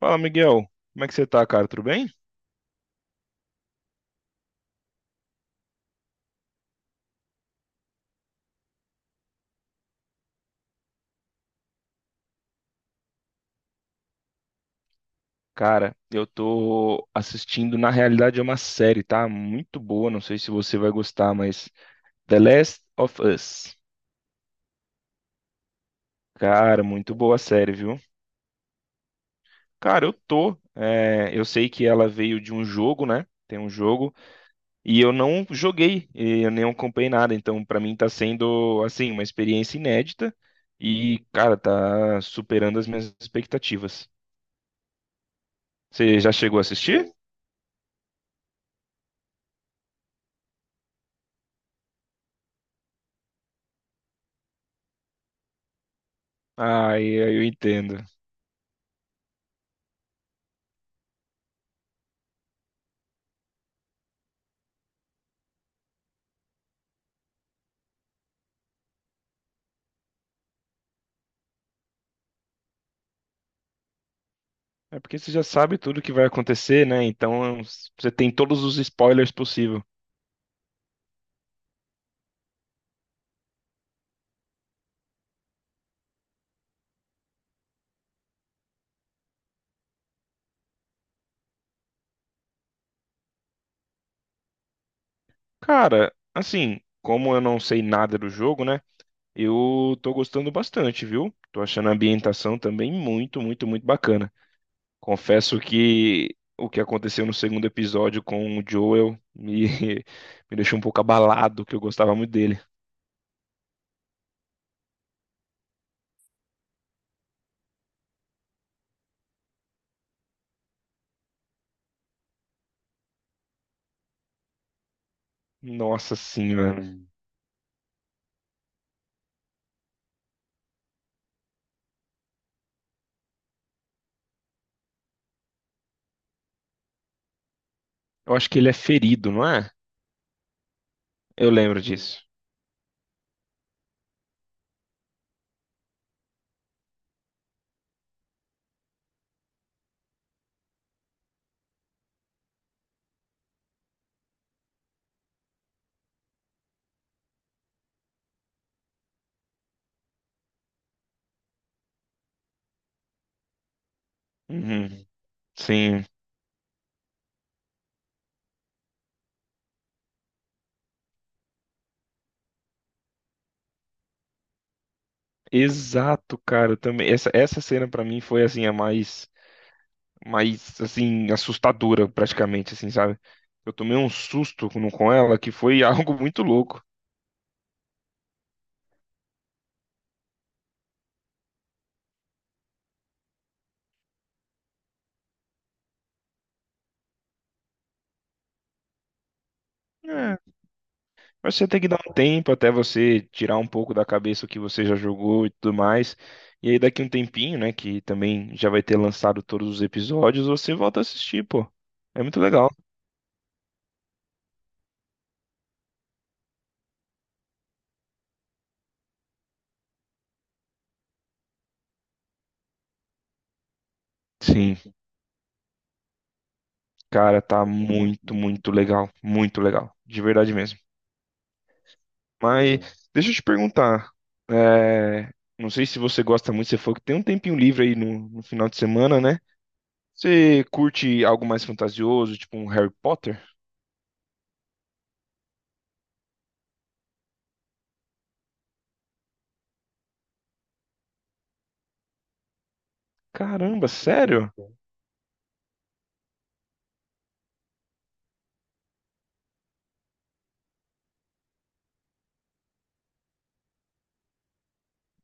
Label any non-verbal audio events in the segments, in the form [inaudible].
Fala, Miguel. Como é que você tá, cara? Tudo bem? Cara, eu tô assistindo, na realidade é uma série, tá? Muito boa, não sei se você vai gostar, mas The Last of Us. Cara, muito boa a série, viu? Cara, eu tô. Eu sei que ela veio de um jogo, né? Tem um jogo, e eu não joguei, e eu nem acompanhei nada, então pra mim tá sendo, assim, uma experiência inédita e, cara, tá superando as minhas expectativas. Você já chegou a assistir? Ah, eu entendo. É porque você já sabe tudo que vai acontecer, né? Você tem todos os spoilers possível. Cara, assim, como eu não sei nada do jogo, né? Eu tô gostando bastante, viu? Tô achando a ambientação também muito, muito, muito bacana. Confesso que o que aconteceu no segundo episódio com o Joel me, [laughs] me deixou um pouco abalado, que eu gostava muito dele. Nossa senhora. Eu acho que ele é ferido, não é? Eu lembro disso. Uhum. Sim. Exato, cara, também. Essa cena pra mim foi assim a mais assim assustadora praticamente assim, sabe? Eu tomei um susto com ela que foi [laughs] algo muito louco. É, mas você tem que dar um tempo até você tirar um pouco da cabeça o que você já jogou e tudo mais. E aí daqui um tempinho, né, que também já vai ter lançado todos os episódios, você volta a assistir, pô. É muito legal. Sim, cara, tá muito, muito legal, de verdade mesmo. Mas deixa eu te perguntar. é, não sei se você gosta muito, você falou que tem um tempinho livre aí no final de semana, né? Você curte algo mais fantasioso, tipo um Harry Potter? Caramba, sério?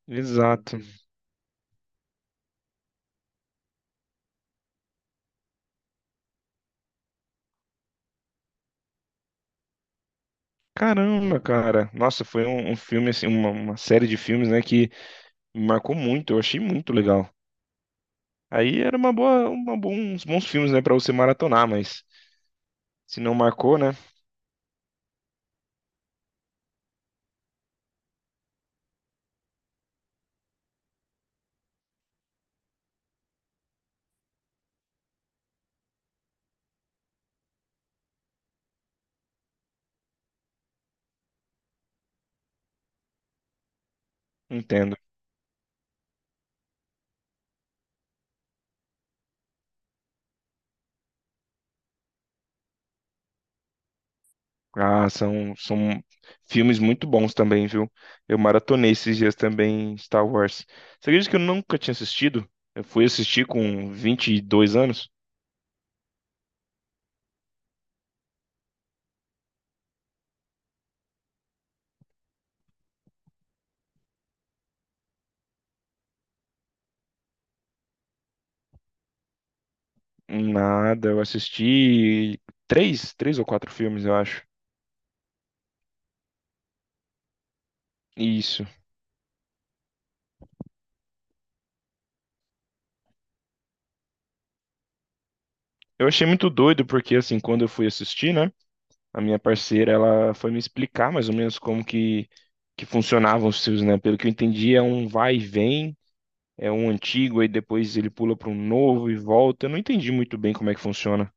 Exato. Caramba, cara. Nossa, foi um filme, assim, uma série de filmes, né, que me marcou muito, eu achei muito legal. Aí era uma boa, uma bons, bons filmes, né, pra você maratonar, mas se não marcou, né? Entendo. Ah, são filmes muito bons também, viu? Eu maratonei esses dias também Star Wars. Você acredita que eu nunca tinha assistido? Eu fui assistir com 22 anos? Nada, eu assisti três, três ou quatro filmes, eu acho. Isso. Eu achei muito doido porque, assim, quando eu fui assistir, né? A minha parceira, ela foi me explicar mais ou menos como que funcionavam os filmes, né? Pelo que eu entendi, é um vai e vem, é um antigo, aí depois ele pula para um novo e volta. Eu não entendi muito bem como é que funciona.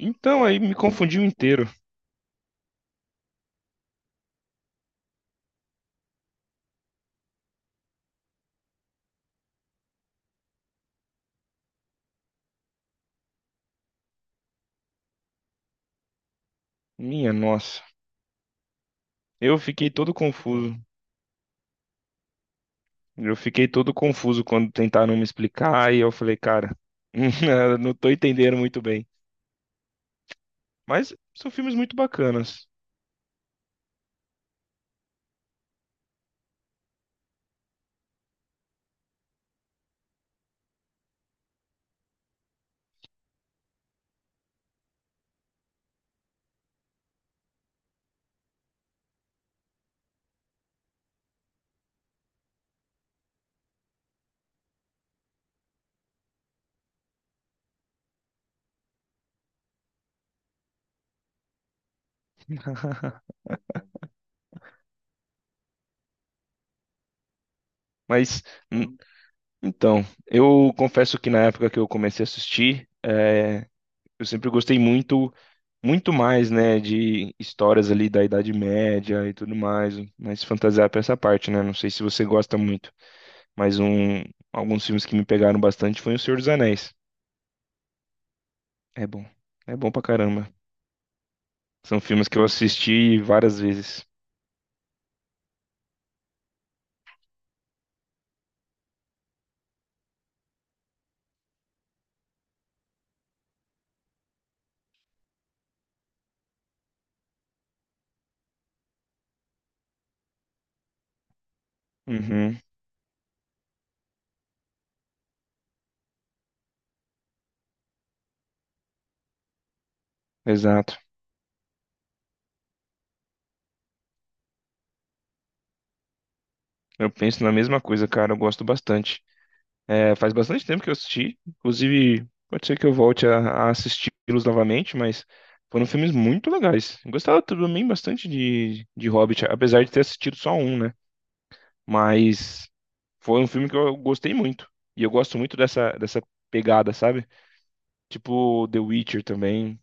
Então aí me confundiu inteiro. Minha nossa. Eu fiquei todo confuso. Eu fiquei todo confuso quando tentaram me explicar e eu falei, cara, [laughs] eu não tô entendendo muito bem. Mas são filmes muito bacanas. Mas hum, então, eu confesso que na época que eu comecei a assistir, eu sempre gostei muito mais, né, de histórias ali da Idade Média e tudo mais, mas fantasiar pra essa parte, né? Não sei se você gosta muito, mas alguns filmes que me pegaram bastante foi O Senhor dos Anéis. É bom. É bom pra caramba. São filmes que eu assisti várias vezes. Uhum, exato. Eu penso na mesma coisa, cara, eu gosto bastante. É, faz bastante tempo que eu assisti. Inclusive, pode ser que eu volte a assisti-los novamente, mas foram filmes muito legais. Eu gostava também bastante de Hobbit, apesar de ter assistido só um, né? Mas foi um filme que eu gostei muito. E eu gosto muito dessa pegada, sabe? Tipo The Witcher também.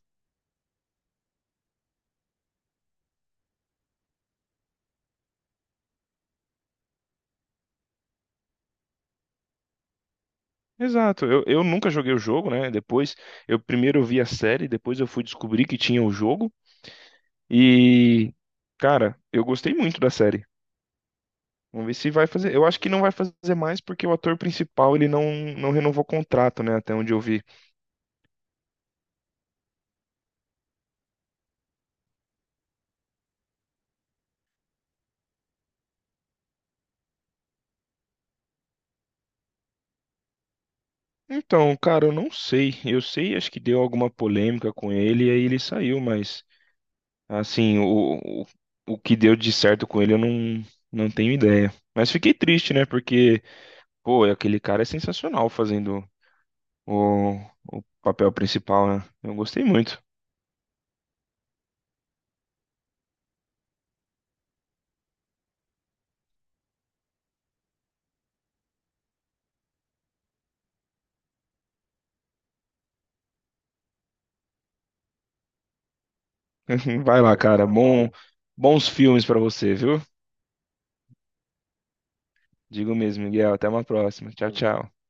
Exato, eu nunca joguei o jogo, né? Depois, eu primeiro vi a série, depois eu fui descobrir que tinha o jogo. E, cara, eu gostei muito da série. Vamos ver se vai fazer. Eu acho que não vai fazer mais porque o ator principal ele não, renovou o contrato, né? Até onde eu vi. Então, cara, eu não sei. Eu sei, acho que deu alguma polêmica com ele e aí ele saiu, mas assim, o que deu de certo com ele eu não tenho ideia. Mas fiquei triste, né? Porque, pô, aquele cara é sensacional fazendo o, o papel principal, né? Eu gostei muito. [laughs] Vai lá, cara. Bom, bons filmes pra você, viu? Digo mesmo, Miguel. Até uma próxima. Tchau, tchau.